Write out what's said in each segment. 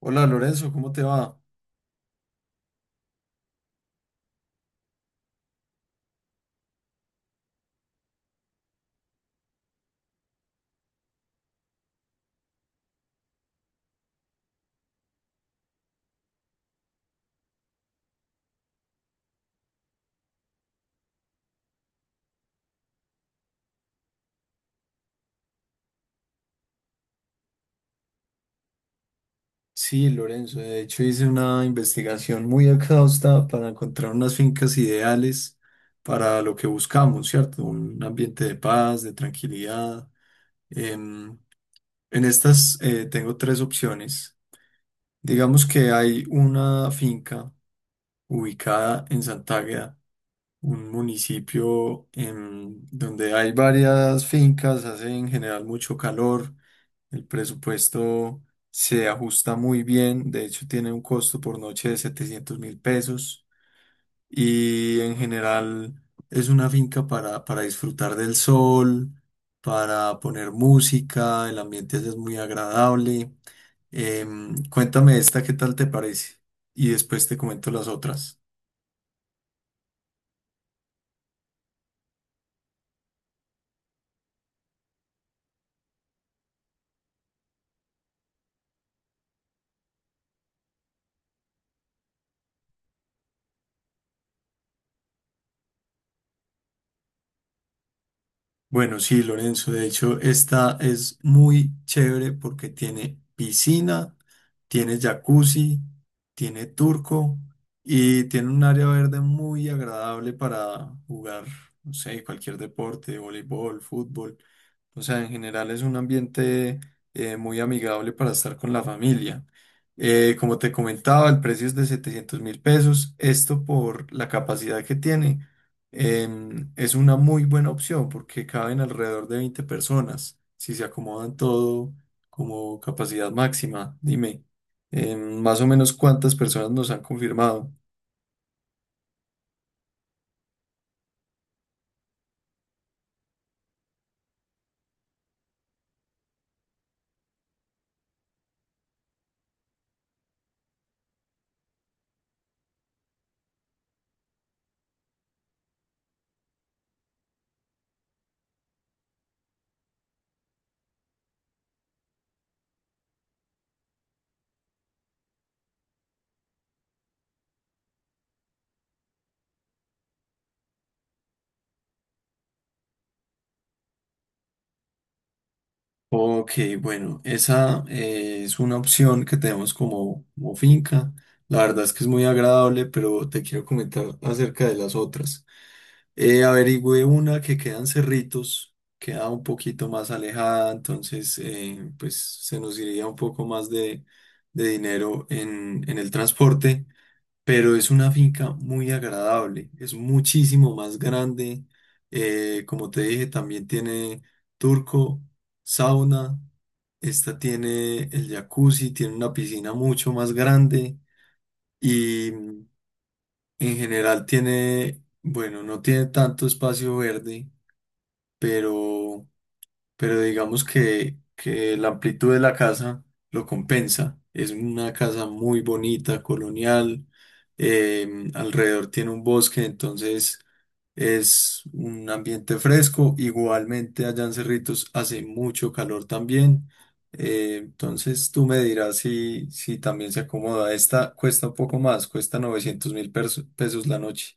Hola Lorenzo, ¿cómo te va? Sí, Lorenzo, de hecho hice una investigación muy exhausta para encontrar unas fincas ideales para lo que buscamos, ¿cierto? Un ambiente de paz, de tranquilidad. Em, en estas tengo tres opciones. Digamos que hay una finca ubicada en Santágueda, un municipio donde hay varias fincas, hace en general mucho calor. El presupuesto se ajusta muy bien, de hecho tiene un costo por noche de $700.000 y en general es una finca para disfrutar del sol, para poner música, el ambiente es muy agradable. Cuéntame esta, ¿qué tal te parece? Y después te comento las otras. Bueno, sí, Lorenzo, de hecho, esta es muy chévere porque tiene piscina, tiene jacuzzi, tiene turco y tiene un área verde muy agradable para jugar, no sé, cualquier deporte, voleibol, fútbol. O sea, en general es un ambiente muy amigable para estar con la familia. Como te comentaba, el precio es de $700.000, esto por la capacidad que tiene. Es una muy buena opción porque caben alrededor de 20 personas, si se acomodan todo como capacidad máxima. Dime, más o menos cuántas personas nos han confirmado. Ok, bueno, esa es una opción que tenemos como finca. La verdad es que es muy agradable, pero te quiero comentar acerca de las otras. Averigüé una que quedan Cerritos, queda un poquito más alejada, entonces pues se nos iría un poco más de dinero en el transporte, pero es una finca muy agradable, es muchísimo más grande, como te dije, también tiene turco, sauna, esta tiene el jacuzzi, tiene una piscina mucho más grande y en general tiene, bueno, no tiene tanto espacio verde pero, pero digamos que la amplitud de la casa lo compensa. Es una casa muy bonita, colonial, alrededor tiene un bosque, entonces es un ambiente fresco. Igualmente allá en Cerritos hace mucho calor también. Entonces tú me dirás si también se acomoda. Esta cuesta un poco más, cuesta $900.000 la noche.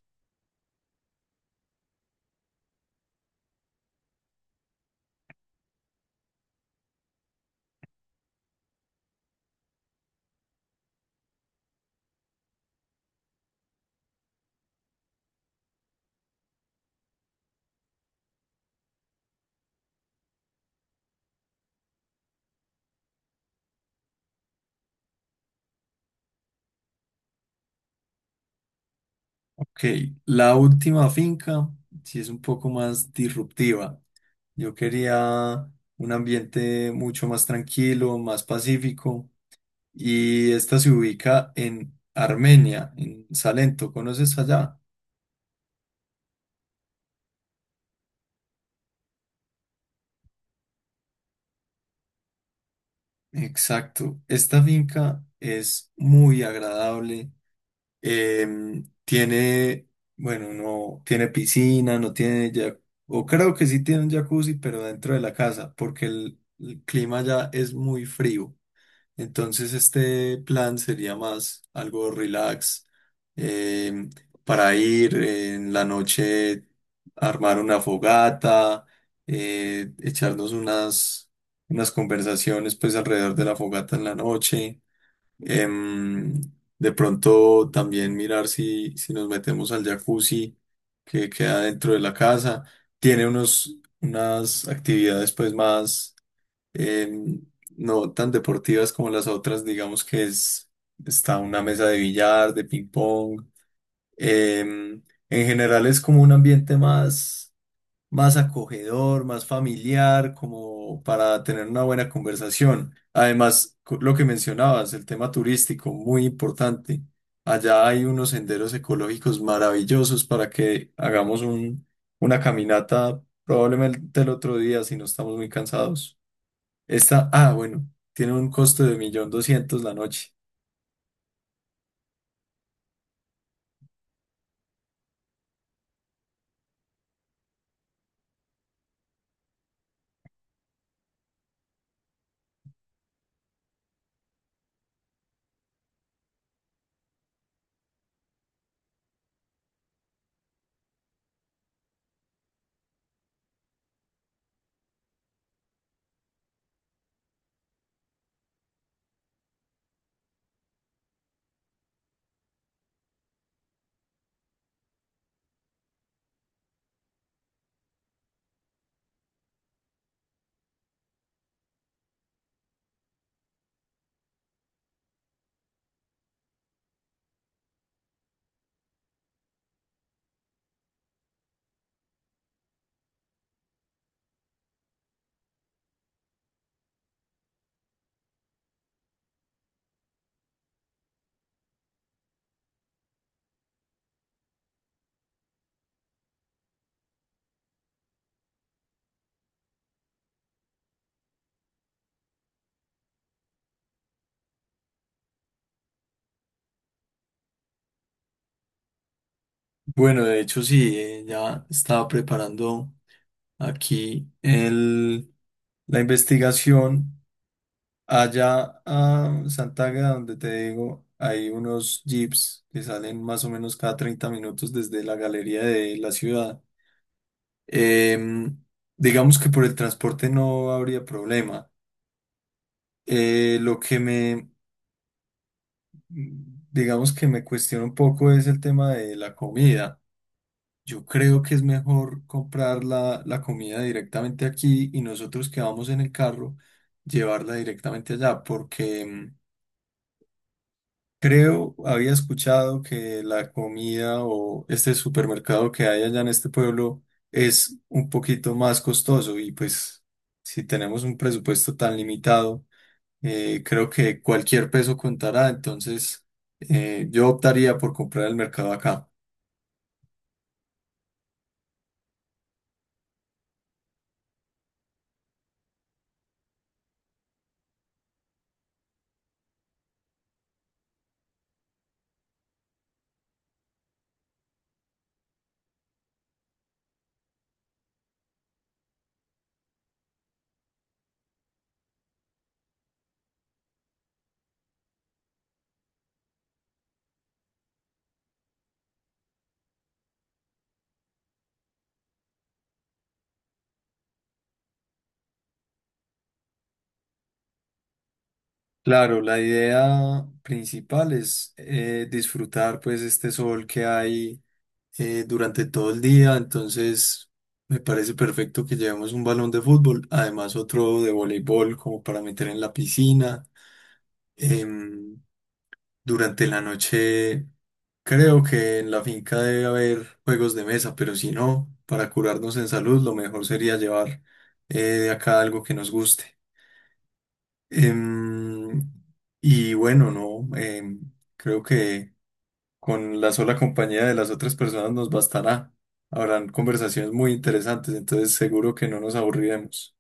Ok, la última finca sí es un poco más disruptiva. Yo quería un ambiente mucho más tranquilo, más pacífico, y esta se ubica en Armenia, en Salento. ¿Conoces allá? Exacto. Esta finca es muy agradable. Tiene, bueno, no tiene piscina, no tiene ya, o creo que sí tiene un jacuzzi, pero dentro de la casa, porque el clima ya es muy frío. Entonces este plan sería más algo relax, eh, para ir en la noche, armar una fogata, echarnos unas conversaciones pues alrededor de la fogata en la noche. Em, de pronto también mirar si nos metemos al jacuzzi que queda dentro de la casa. Tiene unas actividades pues más em, no tan deportivas como las otras, digamos que está una mesa de billar, de ping pong. em, en general es como un ambiente más acogedor, más familiar, como para tener una buena conversación. Además, lo que mencionabas, el tema turístico, muy importante. Allá hay unos senderos ecológicos maravillosos para que hagamos una caminata probablemente el otro día si no estamos muy cansados. Esta, ah, bueno, tiene un costo de 1.200.000 la noche. Bueno, de hecho sí, ya estaba preparando aquí la investigación. Allá a Santaga, donde te digo, hay unos jeeps que salen más o menos cada 30 minutos desde la galería de la ciudad. Em, digamos que por el transporte no habría problema. Eh, lo que me, digamos que me cuestiona un poco es el tema de la comida. Yo creo que es mejor comprar la comida directamente aquí y nosotros que vamos en el carro llevarla directamente allá, porque creo, había escuchado que la comida o este supermercado que hay allá en este pueblo es un poquito más costoso y pues si tenemos un presupuesto tan limitado, creo que cualquier peso contará, entonces yo optaría por comprar el mercado acá. Claro, la idea principal es disfrutar pues este sol que hay durante todo el día, entonces me parece perfecto que llevemos un balón de fútbol, además otro de voleibol como para meter en la piscina. Em, Durante la noche creo que en la finca debe haber juegos de mesa, pero si no, para curarnos en salud lo mejor sería llevar de acá algo que nos guste. Em, y bueno, no, creo que con la sola compañía de las otras personas nos bastará. Habrán conversaciones muy interesantes, entonces seguro que no nos aburriremos.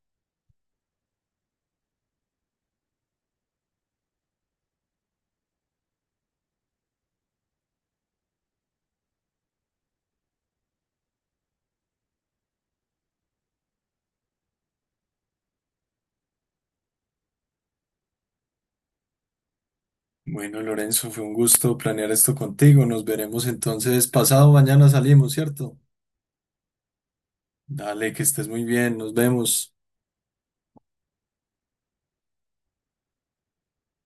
Bueno, Lorenzo, fue un gusto planear esto contigo. Nos veremos entonces pasado mañana salimos, ¿cierto? Dale, que estés muy bien, nos vemos.